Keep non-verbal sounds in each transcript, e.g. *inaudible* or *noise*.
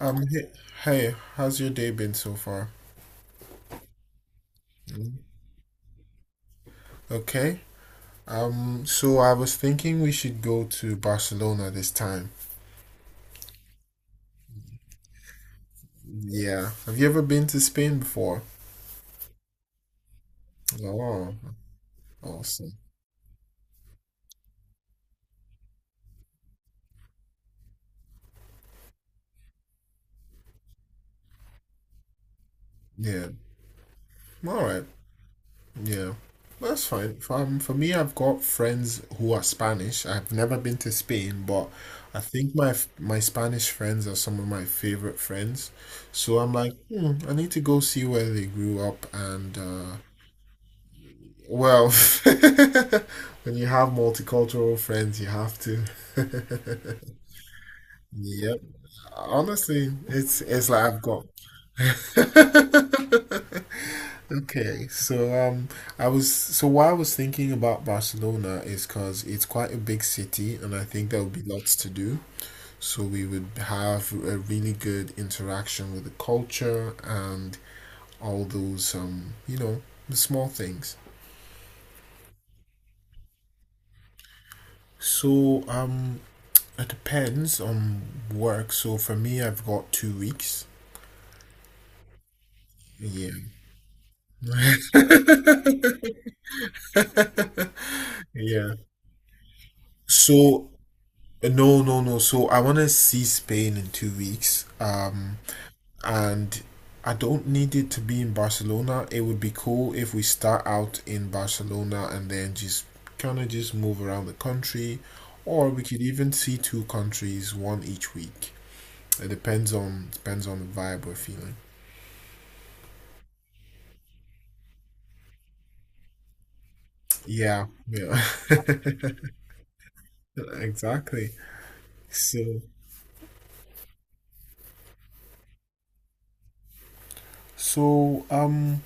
Hey, how's your day been so far? Mm. Okay. So I was thinking we should go to Barcelona this time. Yeah. Have you ever been to Spain before? Oh, awesome. Yeah. All right. Yeah. That's fine. For me, I've got friends who are Spanish. I've never been to Spain, but I think my Spanish friends are some of my favorite friends. So I'm like, hmm, I need to go see where they grew up and Well, *laughs* when you have multicultural friends, you have to. Yep. Honestly, it's like I've got. Okay. I was so why I was thinking about Barcelona is because it's quite a big city, and I think there would be lots to do. So we would have a really good interaction with the culture and all those the small things. So it depends on work. So for me, I've got 2 weeks. Yeah. *laughs* Yeah. So no. So I want to see Spain in 2 weeks. And I don't need it to be in Barcelona. It would be cool if we start out in Barcelona and then just kind of just move around the country, or we could even see two countries, one each week. It depends on the vibe we're feeling. Yeah. *laughs* Exactly. So, so,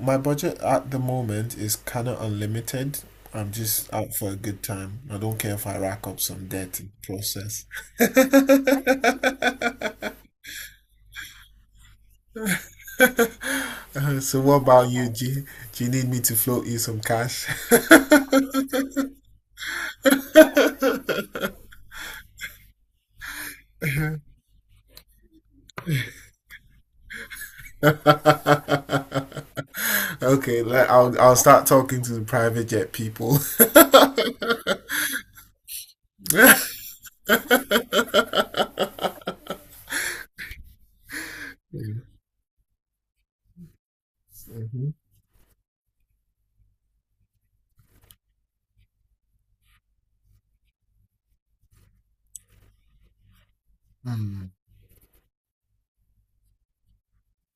my budget at the moment is kind of unlimited. I'm just out for a good time. I don't care if I rack up some debt in the process. *laughs* So what about you, G? Do you need me to float you some cash? *laughs* Okay, I'll start talking to the private jet people. *laughs* Mm-hmm. Mm,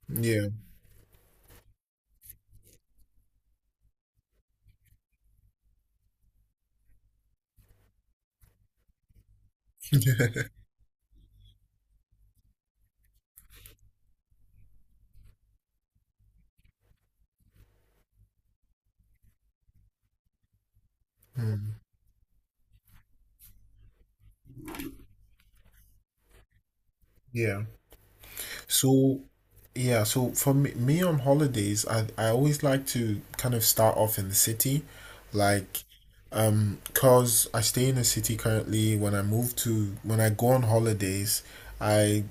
yeah, mm, yeah. So yeah, so for me, me on holidays, I always like to kind of start off in the city, like, cause I stay in the city currently. When I move to, when I go on holidays, I,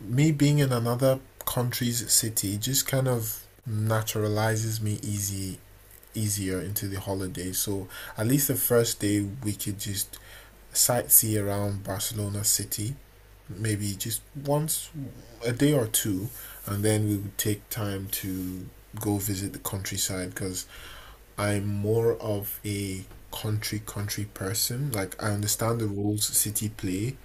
me being in another country's city just kind of naturalizes me easier into the holiday. So at least the first day we could just sightsee around Barcelona city maybe just once a day or two, and then we would take time to go visit the countryside because I'm more of a country person. Like, I understand the roles city play.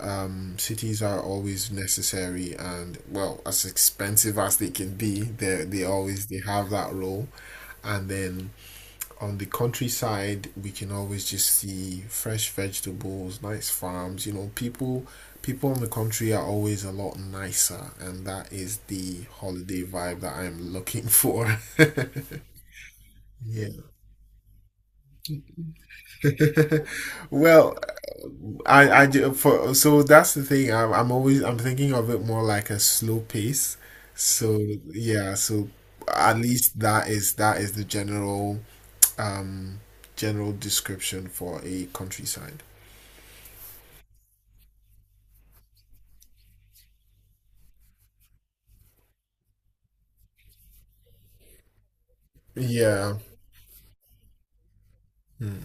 Um cities are always necessary, and well, as expensive as they can be, they have that role. And then on the countryside we can always just see fresh vegetables, nice farms, you know, people in the country are always a lot nicer, and that is the holiday vibe that I'm looking for. *laughs* Yeah, well, I do. For so that's the thing. I'm thinking of it more like a slow pace. So yeah, so at least that is the general um general description for a countryside. Yeah. Hmm.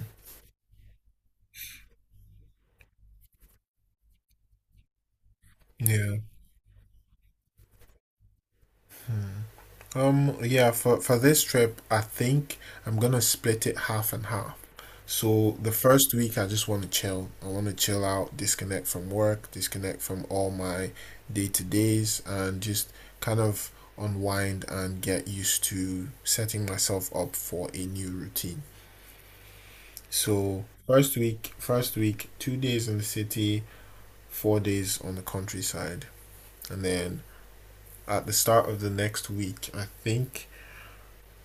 Yeah. Yeah, for this trip, I think I'm gonna split it half and half. So the first week I just want to chill. I want to chill out, disconnect from work, disconnect from all my day-to-days and just kind of unwind and get used to setting myself up for a new routine. So first week, 2 days in the city, 4 days on the countryside. And then at the start of the next week, I think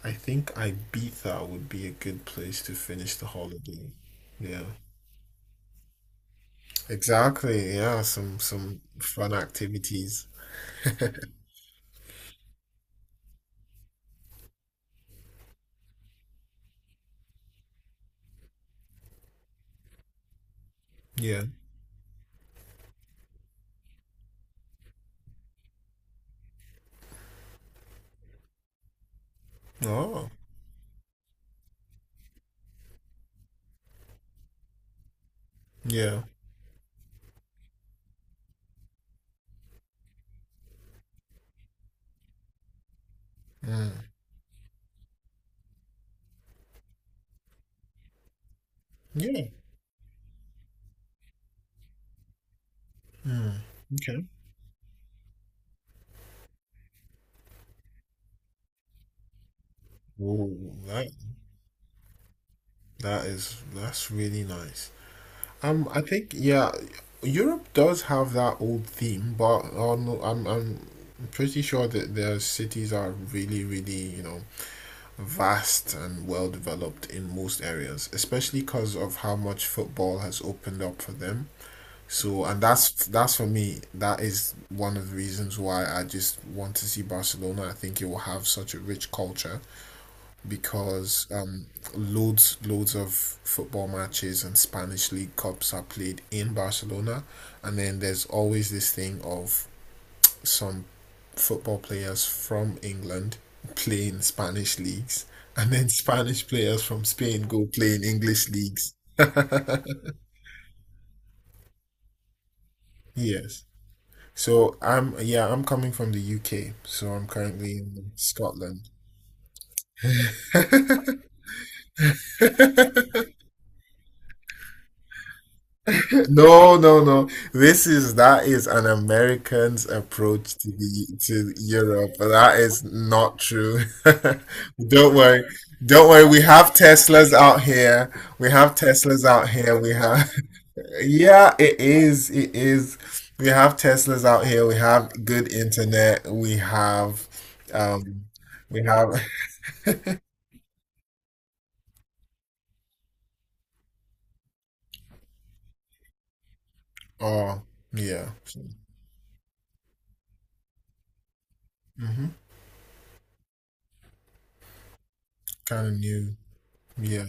I think Ibiza would be a good place to finish the holiday. Yeah. Exactly. Yeah, some fun activities. Yeah. Oh. Yeah. Mm. Yeah. Mm. Okay. Ooh, that is that's really nice. Um, I think yeah, Europe does have that old theme, but I'm pretty sure that their cities are really you know vast and well developed in most areas, especially because of how much football has opened up for them. So, and that's for me. That is one of the reasons why I just want to see Barcelona. I think it will have such a rich culture because loads of football matches and Spanish League Cups are played in Barcelona, and then there's always this thing of some football players from England play in Spanish leagues, and then *laughs* Spanish players from Spain go play in English leagues. Yes. So I'm coming from the UK, so I'm currently in Scotland. *laughs* No, no, no. This is that is an American's approach to the to Europe. That is not true. *laughs* Don't worry. Don't worry. We have Teslas out here. We have Teslas out here. We have... Yeah, it is. It is. We have Teslas out here. We have good internet. We have, um, we have. *laughs* Oh, yeah. Hmm. Kind of new. Yeah.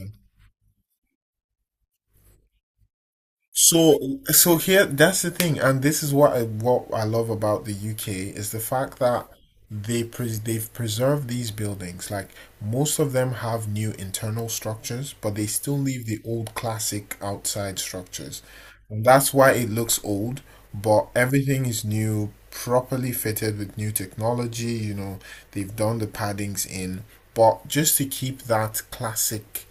So, so here, that's the thing, and this is what I love about the UK is the fact that they've preserved these buildings. Like most of them have new internal structures, but they still leave the old classic outside structures, and that's why it looks old. But everything is new, properly fitted with new technology. You know, they've done the paddings in, but just to keep that classic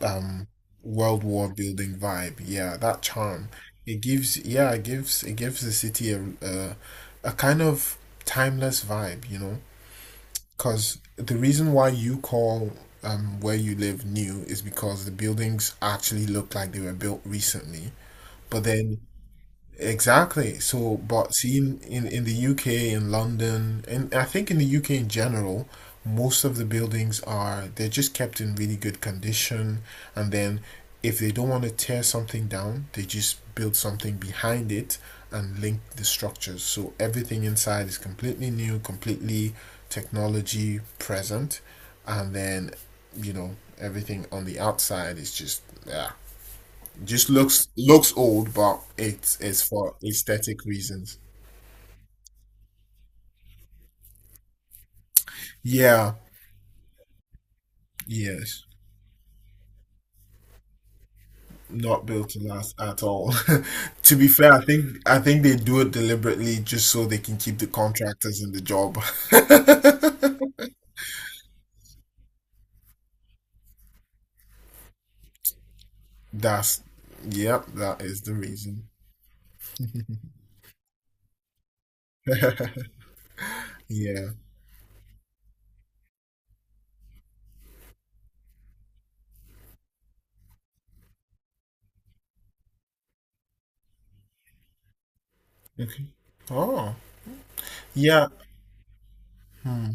um world war building vibe. Yeah, that charm. It gives, yeah, it gives the city a kind of timeless vibe, you know? Because the reason why you call where you live new is because the buildings actually look like they were built recently. But then exactly. So, but seeing in the UK, in London, and I think in the UK in general, most of the buildings are they're just kept in really good condition, and then if they don't want to tear something down, they just build something behind it and link the structures. So everything inside is completely new, completely technology present, and then you know everything on the outside is just yeah, just looks old, but it's for aesthetic reasons. Yeah, yes, not built to last at all. *laughs* To be fair, I think they do it deliberately just so they can keep the contractors in the job. *laughs* That's, yep, that is the reason. Yeah. Okay. Oh, yeah. Hmm.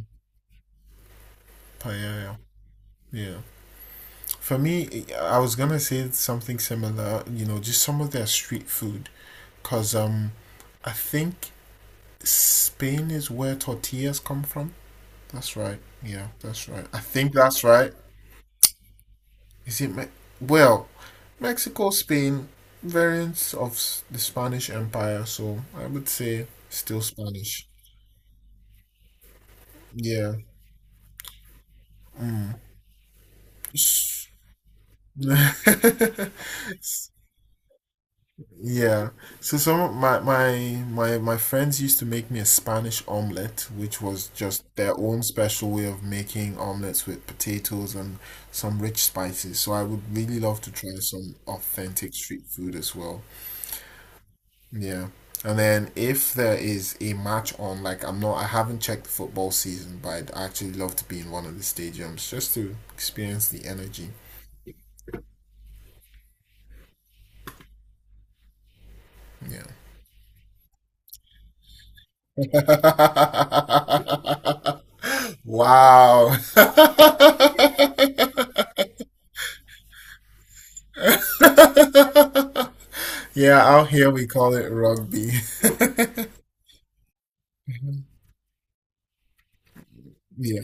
Paella. Yeah, yeah. Yeah. For me, I was gonna say something similar, you know, just some of their street food, cause I think Spain is where tortillas come from. That's right. Yeah, that's right. I think that's right. Is it? Well, Mexico, Spain, variants of the Spanish Empire. So I would say still Spanish. Yeah. *laughs* *laughs* Yeah. So some of my friends used to make me a Spanish omelet, which was just their own special way of making omelets with potatoes and some rich spices. So I would really love to try some authentic street food as well. Yeah. And then if there is a match on, like I haven't checked the football season, but I'd actually love to be in one of the stadiums just to experience the energy. Yeah. *laughs* Wow. *laughs* Yeah, out here we call it rugby. *laughs* Yeah.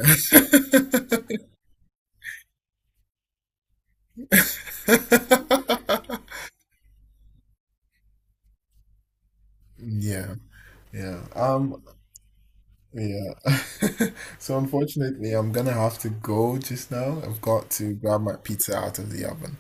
*laughs* Yeah. Yeah. Yeah. *laughs* So unfortunately, I'm gonna have to go just now. I've got to grab my pizza out of the oven.